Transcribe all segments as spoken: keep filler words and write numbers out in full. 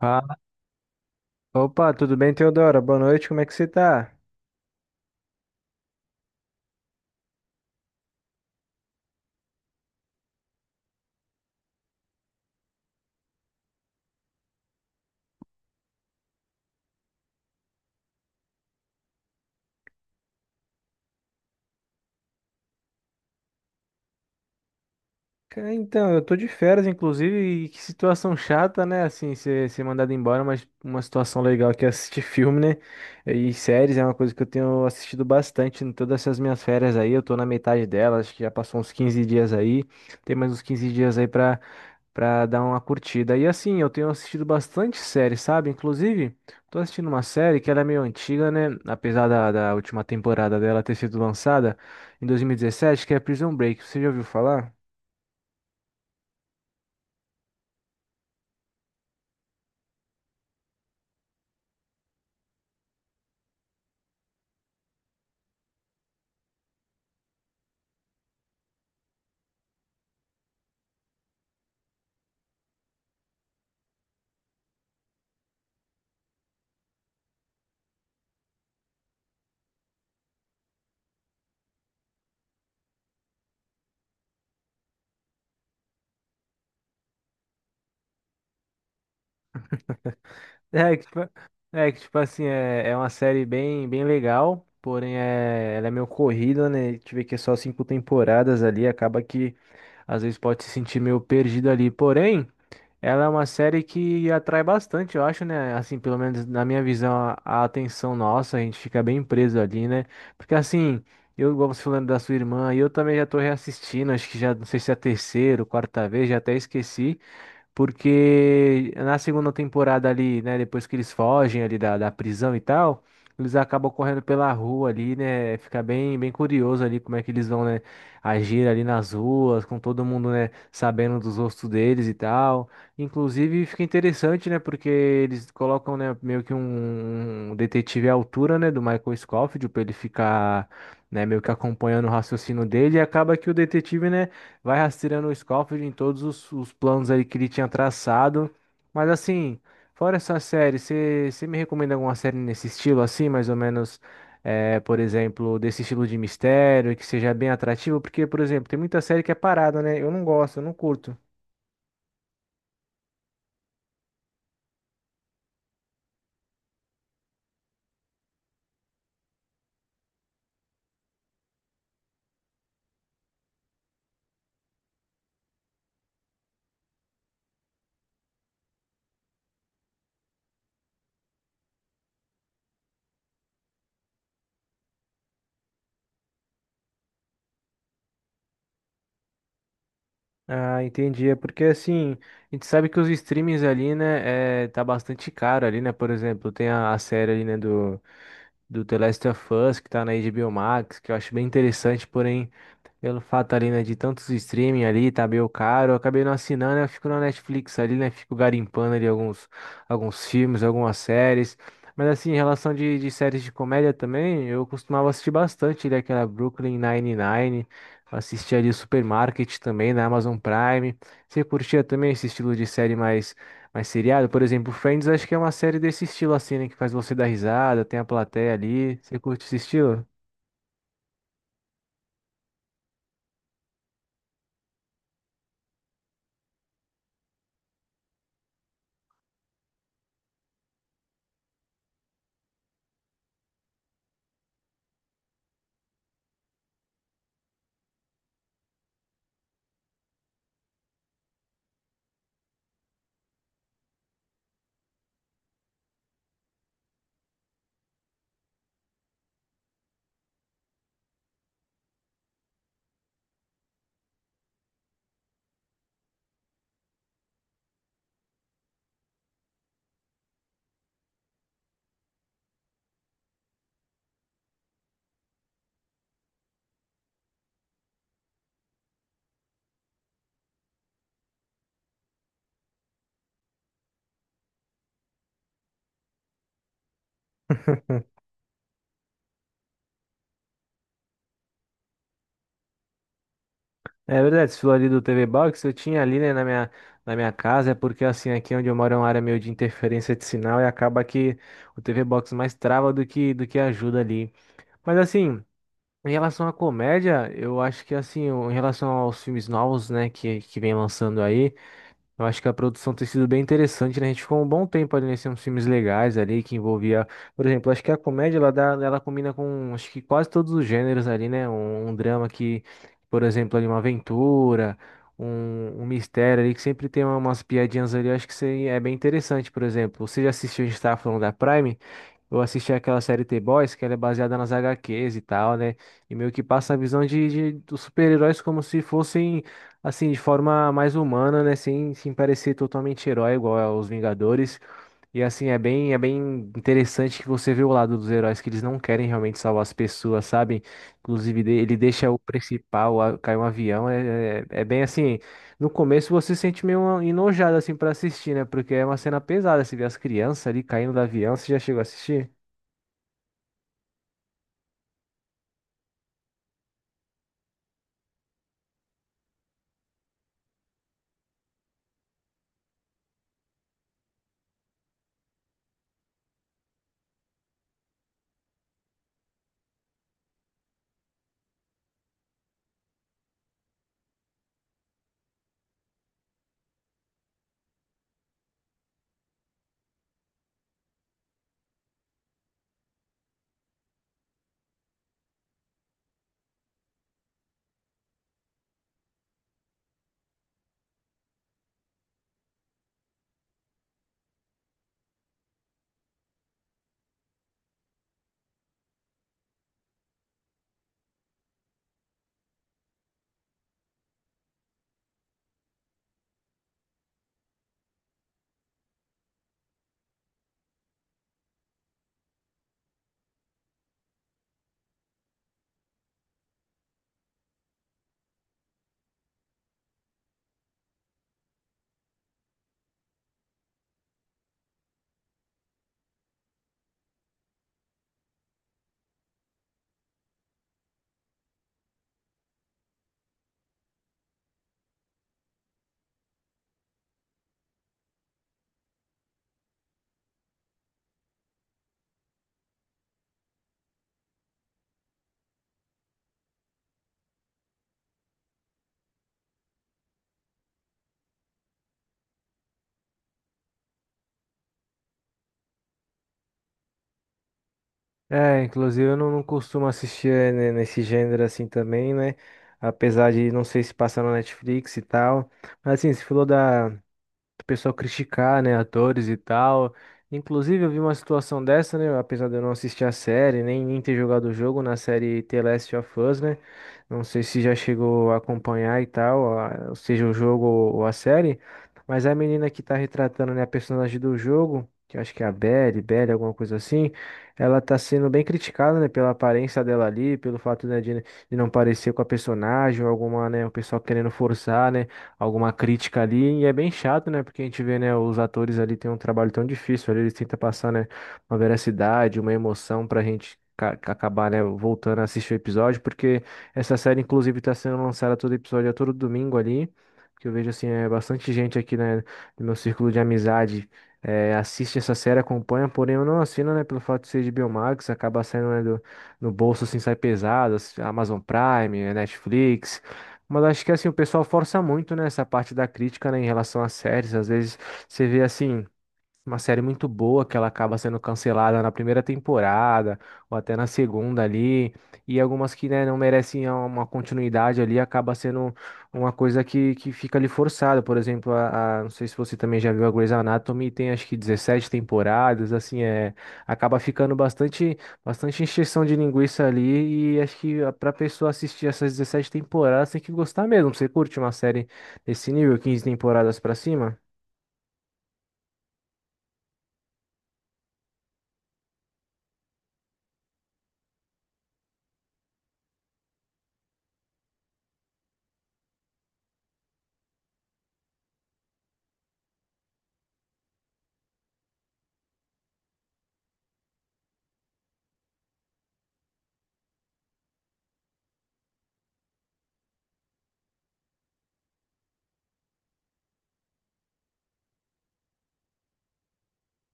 Ah, opa, tudo bem, Teodora? Boa noite, como é que você tá? Cara, então, eu tô de férias, inclusive, e que situação chata, né? Assim, ser, ser mandado embora, mas uma situação legal que é assistir filme, né? E séries é uma coisa que eu tenho assistido bastante em todas essas minhas férias aí. Eu tô na metade delas, acho que já passou uns quinze dias aí. Tem mais uns quinze dias aí pra pra dar uma curtida. E assim, eu tenho assistido bastante série, sabe? Inclusive, tô assistindo uma série que ela é meio antiga, né? Apesar da, da última temporada dela ter sido lançada em dois mil e dezessete, que é Prison Break. Você já ouviu falar? É, que, tipo- É, que tipo assim, é, é uma série bem, bem legal, porém é, ela é meio corrida, né? A gente vê que é só cinco temporadas ali, acaba que às vezes pode se sentir meio perdido ali. Porém. Ela é uma série que atrai bastante, eu acho, né? Assim, pelo menos na minha visão, a, a atenção nossa, a gente fica bem preso ali, né? Porque assim, eu, igual você falando da sua irmã, e eu também já tô reassistindo, acho que já, não sei se é a terceira ou quarta vez, já até esqueci porque na segunda temporada ali, né, depois que eles fogem ali da, da, prisão e tal, eles acabam correndo pela rua ali, né, fica bem, bem curioso ali como é que eles vão, né, agir ali nas ruas, com todo mundo, né, sabendo dos rostos deles e tal. Inclusive fica interessante, né, porque eles colocam, né, meio que um, um, detetive à altura, né, do Michael Scofield, pra ele ficar... Né, meio que acompanhando o raciocínio dele, e acaba que o detetive, né, vai rastreando o Scofield em todos os, os planos ali que ele tinha traçado. Mas assim, fora essa série, você me recomenda alguma série nesse estilo assim, mais ou menos, é, por exemplo, desse estilo de mistério, que seja bem atrativo? Porque, por exemplo, tem muita série que é parada, né? Eu não gosto, eu não curto. Ah, entendi. É porque assim, a gente sabe que os streamings ali, né, é, tá bastante caro ali, né? Por exemplo, tem a, a, série ali, né, do do The Last of Us, que tá na H B O Max, que eu acho bem interessante, porém, pelo fato ali, né, de tantos streaming ali, tá meio caro, eu acabei não assinando, eu fico na Netflix ali, né, fico garimpando ali alguns, alguns, filmes, algumas séries. Mas assim, em relação de, de séries de comédia também, eu costumava assistir bastante ali aquela Brooklyn Nine-Nine, assistia ali Supermarket também na Amazon Prime. Você curtia também esse estilo de série mais mas seriado, por exemplo, Friends, acho que é uma série desse estilo assim, né? Que faz você dar risada, tem a plateia ali. Você curte esse estilo? É verdade, esse falou ali do T V Box, eu tinha ali, né, na minha, na minha, casa, é porque assim, aqui onde eu moro é uma área meio de interferência de sinal e acaba que o T V Box mais trava do que, do que, ajuda ali. Mas assim, em relação à comédia, eu acho que assim, o- em relação aos filmes novos, né, que, que vem lançando aí, eu acho que a produção tem sido bem interessante, né? A gente ficou um bom tempo ali nesses filmes legais ali, que envolvia, por exemplo, acho que a comédia ela dá, ela combina com acho que quase todos os gêneros ali, né? Um, um, drama que, por exemplo, ali uma aventura, um, um mistério ali, que sempre tem umas piadinhas ali, eu acho que isso aí é bem interessante, por exemplo. Você já assistiu, a gente estava falando da Prime, eu assisti aquela série The boys que ela é baseada nas H Qs e tal, né? E meio que passa a visão de, de- dos super-heróis como se fossem. Assim, de forma mais humana, né? Sem, sem, parecer totalmente herói, igual aos Vingadores. E assim, é bem, é bem interessante que você vê o lado dos heróis, que eles não querem realmente salvar as pessoas, sabe? Inclusive, de- ele deixa o principal, a- cair um avião. É, é, é bem assim. No começo você se sente meio enojado assim para assistir, né? Porque é uma cena pesada. Você vê as crianças ali caindo do avião, você já chegou a assistir? É, inclusive eu não, não, costumo assistir eh, ne- nesse gênero assim também, né? Apesar de não sei se passa na Netflix e tal. Mas assim, você falou da, o pessoal criticar, né, atores e tal. Inclusive, eu vi uma situação dessa, né, apesar de eu não assistir a série, nem, nem ter jogado o jogo na série The Last of Us, né? Não sei se já chegou a acompanhar e tal, a- ou seja, o jogo ou a série, mas a menina que tá retratando, né, a personagem do jogo, que eu acho que é a Belly, Belly, alguma coisa assim, ela tá sendo bem criticada, né, pela aparência dela ali, pelo fato, né, de, de não parecer com a personagem, ou alguma, né, o pessoal querendo forçar, né, alguma crítica ali, e é bem chato, né? Porque a gente vê, né, os atores ali têm um trabalho tão difícil, ali eles tentam passar, né, uma veracidade, uma emoção pra gente ca- acabar, né, voltando a assistir o episódio, porque essa série, inclusive, tá sendo lançada todo episódio, a todo domingo ali, que eu vejo, assim, é bastante gente aqui, né, no meu círculo de amizade, eh, assiste essa série, acompanha, porém eu não assino, né, pelo fato de ser de Biomax, acaba saindo, né, do, no bolso, assim, sai pesado, ass- Amazon Prime, eh, Netflix, mas acho que assim, o pessoal força muito, né, essa parte da crítica, né, em relação às séries. Às vezes você vê assim. Uma série muito boa que ela acaba sendo cancelada na primeira temporada ou até na segunda ali, e algumas que, né, não merecem uma continuidade ali, acaba sendo uma coisa que, que, fica ali forçada. Por exemplo, a, a- não sei se você também já viu a Grey's Anatomy, tem acho que dezessete temporadas, assim, é, acaba ficando bastante, bastante encheção de linguiça ali, e acho que para pessoa assistir essas dezessete temporadas tem que gostar mesmo. Você curte uma série desse nível, quinze temporadas para cima?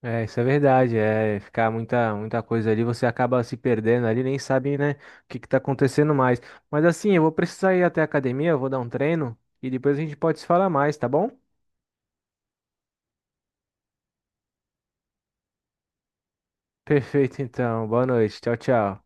É, isso é verdade, é ficar muita, muita coisa ali, você acaba se perdendo ali, nem sabe, né, o que que tá acontecendo mais. Mas assim, eu vou precisar ir até a academia, eu vou dar um treino e depois a gente pode se falar mais, tá bom? Perfeito, então. Boa noite. Tchau, tchau.